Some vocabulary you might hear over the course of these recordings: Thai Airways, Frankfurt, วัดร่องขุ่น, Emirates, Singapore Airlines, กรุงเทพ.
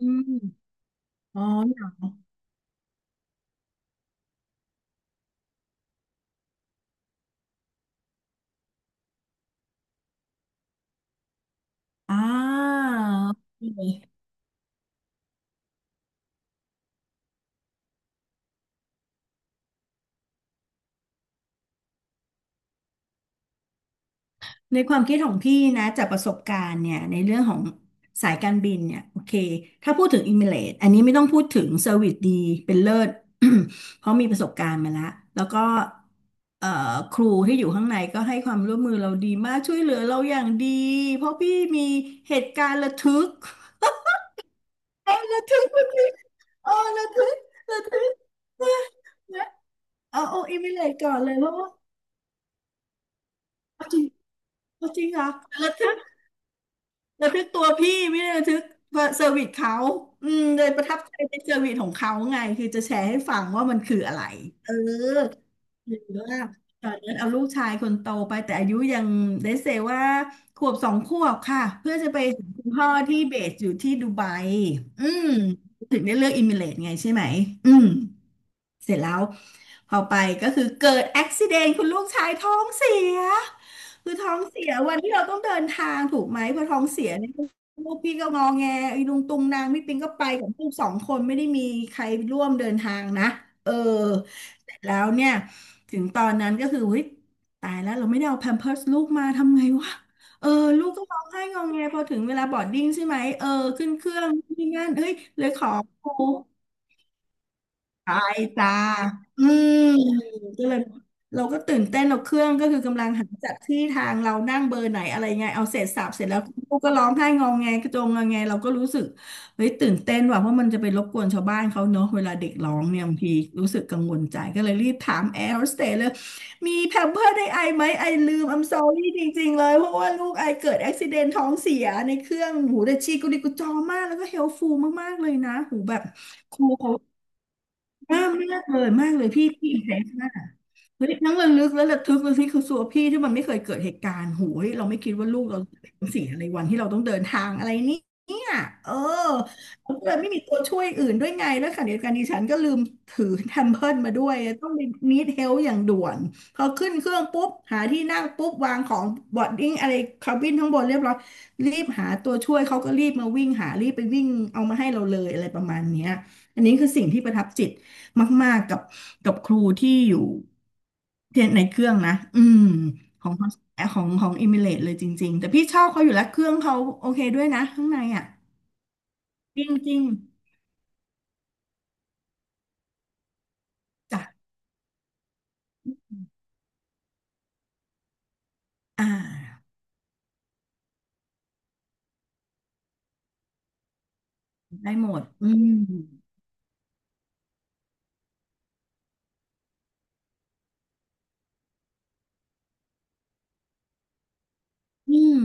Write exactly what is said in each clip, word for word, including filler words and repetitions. อืม อ๋อเหรออ่าโอเคในความคิดของพี่นะจากประสบการณ์เนี่ยในเรื่องของสายการบินเนี่ยโอเคถ้าพูดถึงอิมิเรตอันนี้ไม่ต้องพูดถึงเซอร์วิสดีเป็นเลิศ เพราะมีประสบการณ์มาแล้วแล้วก็เอ่อครูที่อยู่ข้างในก็ให้ความร่วมมือเราดีมากช่วยเหลือเราอย่างดีเพราะพี่มีเหตุการณ์ระทึกเออระทึกระทึกเออระทึกระทึกนะนะเอาโออิมิเลตก่อนเลยเพราะว่า อ๋อจริงอ๋อจริงเหรอระทึกระทึกตัวพี่ไม่ได้ระทึกว่าเซอร์วิสเขาอืมเลยประทับใจในเซอร์วิสของเขาไง คือจะแชร์ให้ฟังว่ามันคืออะไร เออหรือว่าตอนนั้นเอาลูกชายคนโตไปแต่อายุยังได้เซว่าขวบสองขวบค่ะ เพื่อจะไปหาคุณพ่อที่เบสอยู่ที่ดูไบอืมถึงได้เลือกอิมิเรตไงใช่ไหมอืม เสร็จแล้วพอไปก็คือเกิดอุบิเหตุคุณลูกชายท้องเสียคือท้องเสียวันที่เราต้องเดินทางถูกไหมพอท้องเสียเนี่ยลูกพี่ก็งอแงไอ้ลุงตุงนางพี่ปิงก็ไปกับลูกสองคนไม่ได้มีใครร่วมเดินทางนะเออเสร็จแล้วเนี่ยถึงตอนนั้นก็คือเฮ้ยตายแล้วเราไม่ได้เอาแพมเพิร์สลูกมาทำไงวะเออลูกก็ร้องไห้งอแงพอถึงเวลาบอร์ดดิ้งใช่ไหมเออขึ้นเครื่องนี่นั่นเฮ้ยเลยขอครู ใายจ้าอืมก็เลยเราก็ตื่นเต้นเราเครื่องก็คือกำลังหาจัดที่ทางเรานั่งเบอร์ไหนอะไรไงเอาเสร็จสับเสร็จแล้วลูกก็ร้องไห้งองแงกระโจงงอแงเราก็รู้สึกเฮ้ยตื่นเต้นว่ะเพราะมันจะไปรบกวนชาวบ้านเขาเนอะเวลาเด็กร้องเนี่ยบางทีรู้สึกกังวลใจก็เลยรีบถามแอร์โฮสเตสเลยมีแพมเพิร์สไดไอไหมไอลืม I'm sorry จริงๆเลยเพราะว่าลูกไอเกิดอุบติเหตุท้องเสียในเครื่องหูแต่ชีกุลิกุจอมากแล้วก็เฮลฟูลมากๆเลยนะหูแบบครูเขา มากมากเลยมากเลยพี่พี่อิมเพรสมากเฮ้ยทั้งระลึกและระทึกเลยพี่คือสัวพี่ที่มันไม่เคยเกิดเหตุการณ์โหยเราไม่คิดว่าลูกเราจะเป็นสิ่งอะไรวันที่เราต้องเดินทางอะไรนี่เนี่ยเออเราก็เลยไม่มีตัวช่วยอื่นด้วยไงแล้วขณะเดียวกันดิฉันก็ลืมถือแทมเพิร์มาด้วยต้องไปนีดเฮลอย่างด่วนพอขึ้นเครื่องปุ๊บหาที่นั่งปุ๊บวางของบอดดิ้งอะไรคาบินข้างบนเรียบร้อยรีบหาตัวช่วยเขาก็รีบมาวิ่งหารีบไปวิ่งเอามาให้เราเลยอะไรประมาณเนี้ยอันนี้คือสิ่งที่ประทับจิต มากๆกับกับครูที่อยู่เทียนในเครื่องนะ อืม ของของของอิมิเลตเลยจริงๆ แต่พี่ชอบเขาอยู่แล้วเครื่องเขาโอเคด้วยนะข้างในอ่ะจริงๆจ้ะอ่าได้หมดอืมอืม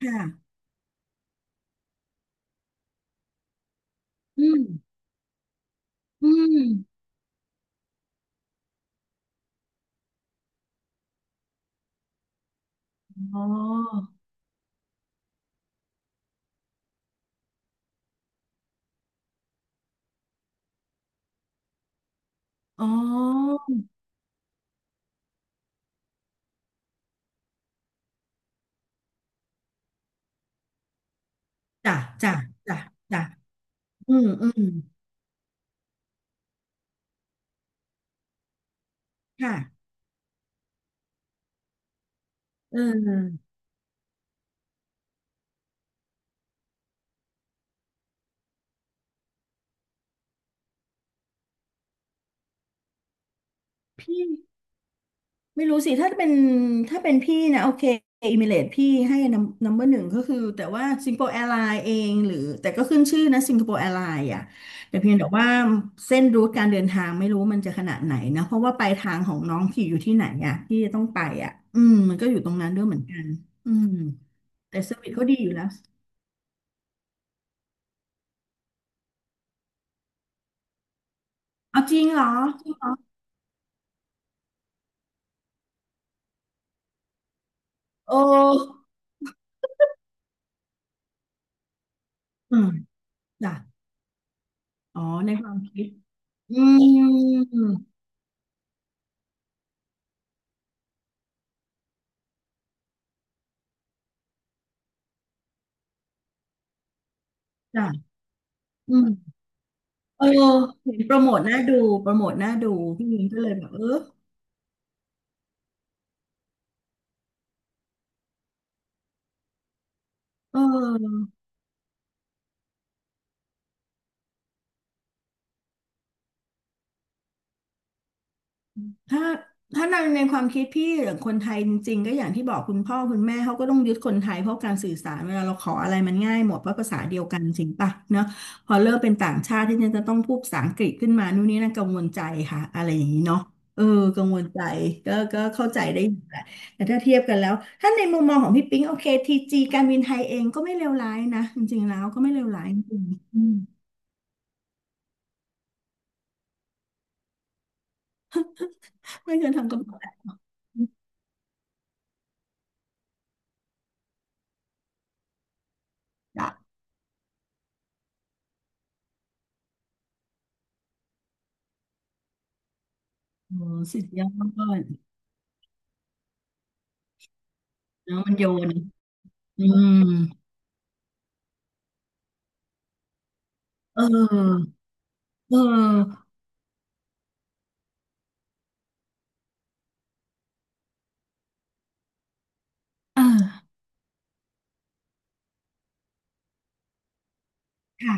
ค่ะอืมอืมอ๋ออ๋อจ้ะจ้ะจ้ะจ้ะอืมอืมค่ะเออพี่ ไม่รู้สิถ้าเป็นถ้าเป็นพี่นะโอเคอิมิเรตพี่ให้นัมเบอร์หนึ่งก็คือแต่ว่าสิงคโปร์แอร์ไลน์เองหรือแต่ก็ขึ้นชื่อนะสิงคโปร์แอร์ไลน์อ่ะแต่เพียงแต่ว่าเส้นรูทการเดินทางไม่รู้มันจะขนาดไหนนะเพราะว่าปลายทางของน้องพี่อยู่ที่ไหนอ่ะที่จะต้องไปอ่ะอืมมันก็อยู่ตรงนั้นด้วยเหมือนกันอืมแต่เซอร์วิสเขาดีอยู่แล้วเอาจริงเหรอโอ้อืมจ้ะอ๋อในความคิดอืมจ้ะอืม เออเห็นโปรโมทน่าดูโปรโมทน่าดูพี่นิ้งก็เลยแบบเออเออถ้าถ้าในในความคิดพี่หรือคนไทยจริงๆก็อย่างที่บอกคุณพ่อคุณแม่เขาก็ต้องยึดคนไทยเพราะการสื่อสารเวลาเราขออะไรมันง่ายหมดเพราะภาษาเดียวกันจริงปะเนาะพอเริ่มเป็นต่างชาติที่จะต้องพูดภาษาอังกฤษขึ้นมานู่นนี่นั่นกังวลใจค่ะอะไรอย่างนี้เนาะเออกังวลใจก็ก็เข้าใจได้อยู่แหละแต่ถ้าเทียบกันแล้วถ้าในมุมมองของพี่ปิ๊งโอเคทีจีการบินไทยเองก็ไม่เลวร้ายนะจริงๆแล้วก็ไม่เลวร้ายจริงๆ ไม่เคยทำกระเป๋าแบนจ้ะโอ้สุดยอดเนาะมันโยนอืมเออเออเออค่ะ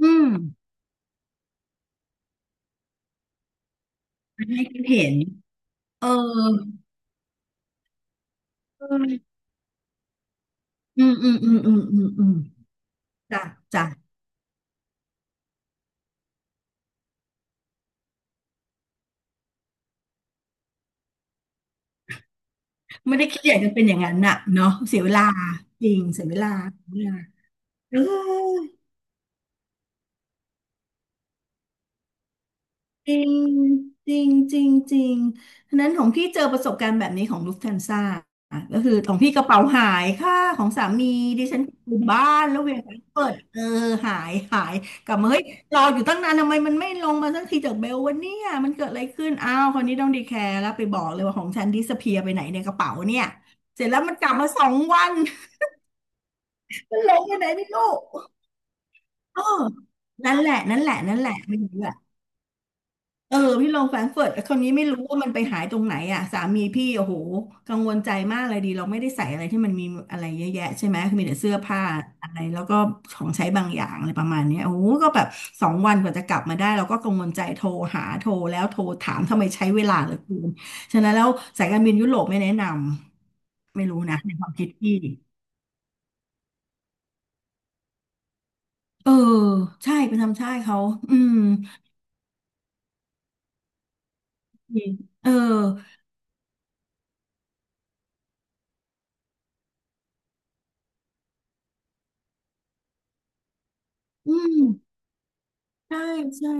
อืมมันให้คิดเห็นเอออืมอืมอืมอืมอืมอืมอืมจ้ะจ้ะไม่ได้คิดอยากจะเป็นอย่างนั้นน่ะเนาะเสียเวลาจริงเสียเวลาเสียเวลาเออ จริงจริงจริงจริงฉะนั้นของพี่เจอประสบการณ์แบบนี้ของลูฟแทนซ่าอ่ะก็คือของพี่กระเป๋าหายค่ะของสามีดิฉันอยู่บ้านแล้วเวลาเปิดเออหายหายกลับมาเฮ้ยรออยู่ตั้งนานทำไมมันไม่ลงมาสักทีจากเบลวันนี้มันเกิดอะไรขึ้นอ้าวคนนี้ต้องดีแคร์แล้วไปบอกเลยว่าของฉันดิสเพียไปไหนในกระเป๋าเนี่ยเสร็จแล้วมันกลับมาสองวัน มันลงไปไหนไม่รู้เออนั่นแหละนั่นแหละนั่นแหละไม่รู้อะ เออพี่ลงแฟรงก์เฟิร์ตแต่คนนี้ไม่รู้ว่ามันไปหายตรงไหนอ่ะสามีพี่โอ้โหกังวลใจมากเลยดีเราไม่ได้ใส่อะไรที่มันมีอะไรเยอะแยะใช่ไหมคือมีแต่เสื้อผ้าอะไรแล้วก็ของใช้บางอย่างอะไรประมาณเนี้ยโอ้โหก็แบบสองวันกว่าจะกลับมาได้เราก็กังวลใจโทรหาโทรแล้วโทรถามทำไมใช้เวลาเหลือเกินฉะนั้นแล้วสายการบินยุโรปไม่แนะนำไม่รู้นะในความคิดพี่เออใช่ไปทำใช่เขาอืมเอออืมใช่ใช่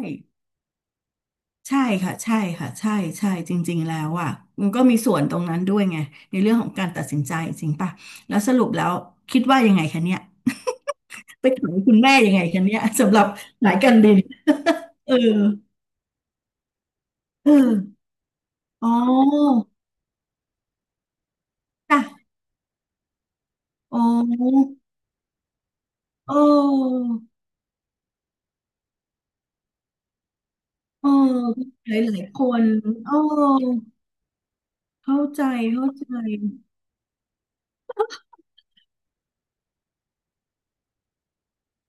ใช่ค่ะใช่ค่ะใช่ใช่จริงๆแล้วอ่ะมันก็มีส่วนตรงนั้นด้วยไงในเรื่องของการตัดสินใจจริงป่ะแล้วสรุปแล้วคิดว่ายังไงคะเนี่ยไปถามคุณแม่ยังไงคะเนี่ยสำหรับสายการบินเออเอออ๋อจ้ะอ๋อเออเออหลายหลายคนเออเข้าใจเข้าใจ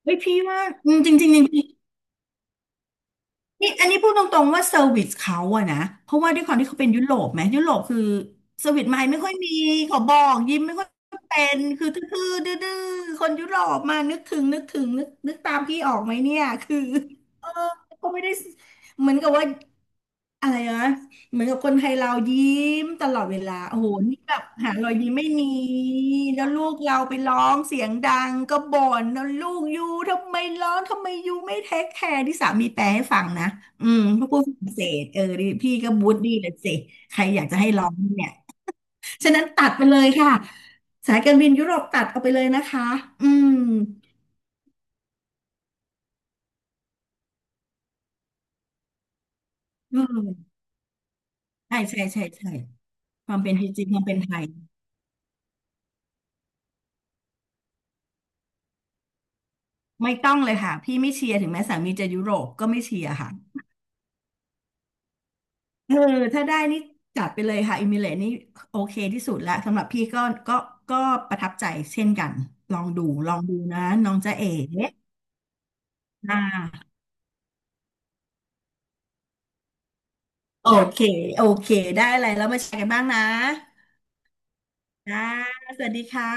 เฮ้ยพี่ว่าอืมจริงจริง นี่อันนี้พูดตรงๆว่าเซอร์วิสเขาอะนะเพราะว่าด้วยความที่เขาเป็นยุโรปไหมยุโรปคือเซอร์วิสไม่ไม่ค่อยมีขอบอกยิ้มไม่ค่อยเป็นคือทื่อๆดื้อๆคนยุโรปมานึกถึงนึกถึงนึกนึกตามพี่ออกไหมเนี่ยคือเออเขาไม่ได้เหมือนกับว่าอะไรนะ เหมือนกับคนไทยเรายิ้มตลอดเวลาโอ้โหนี่แบบหารอยยิ้มไม่มีแล้วลูกเราไปร้องเสียงดังก็บ่นแล้วลูกยูทำไมร้องทำไมยูไม่เทคแคร์ที่สามีแปลให้ฟังนะอืมเพราะพูดฝรั่งเศสเออดิพี่ก็บูดดี้เลยสิใครอยากจะให้ร้องเนี่ยฉะนั้นตัดไปเลยค่ะสายการบินยุโรปตัดเอาไปเลยนะคะอืมเอืใช่ใช่ใช่ใช่ความเป็นจริงความเป็นไทยไม่ต้องเลยค่ะพี่ไม่เชียร์ถึงแม้สามีจะยุโรปก็ไม่เชียร์ค่ะ เออถ้าได้นี่จัดไปเลยค่ะอิมิเลตนี่โอเคที่สุดแล้วสำหรับพี่ก็ก็ก็ประทับใจเช่นกันลองดูลองดูนะน้องจ๊ะเอ๋นาโอเคโอเคได้อะไรแล้วมาแชร์กันบ้างนะจ้าสวัสดีค่ะ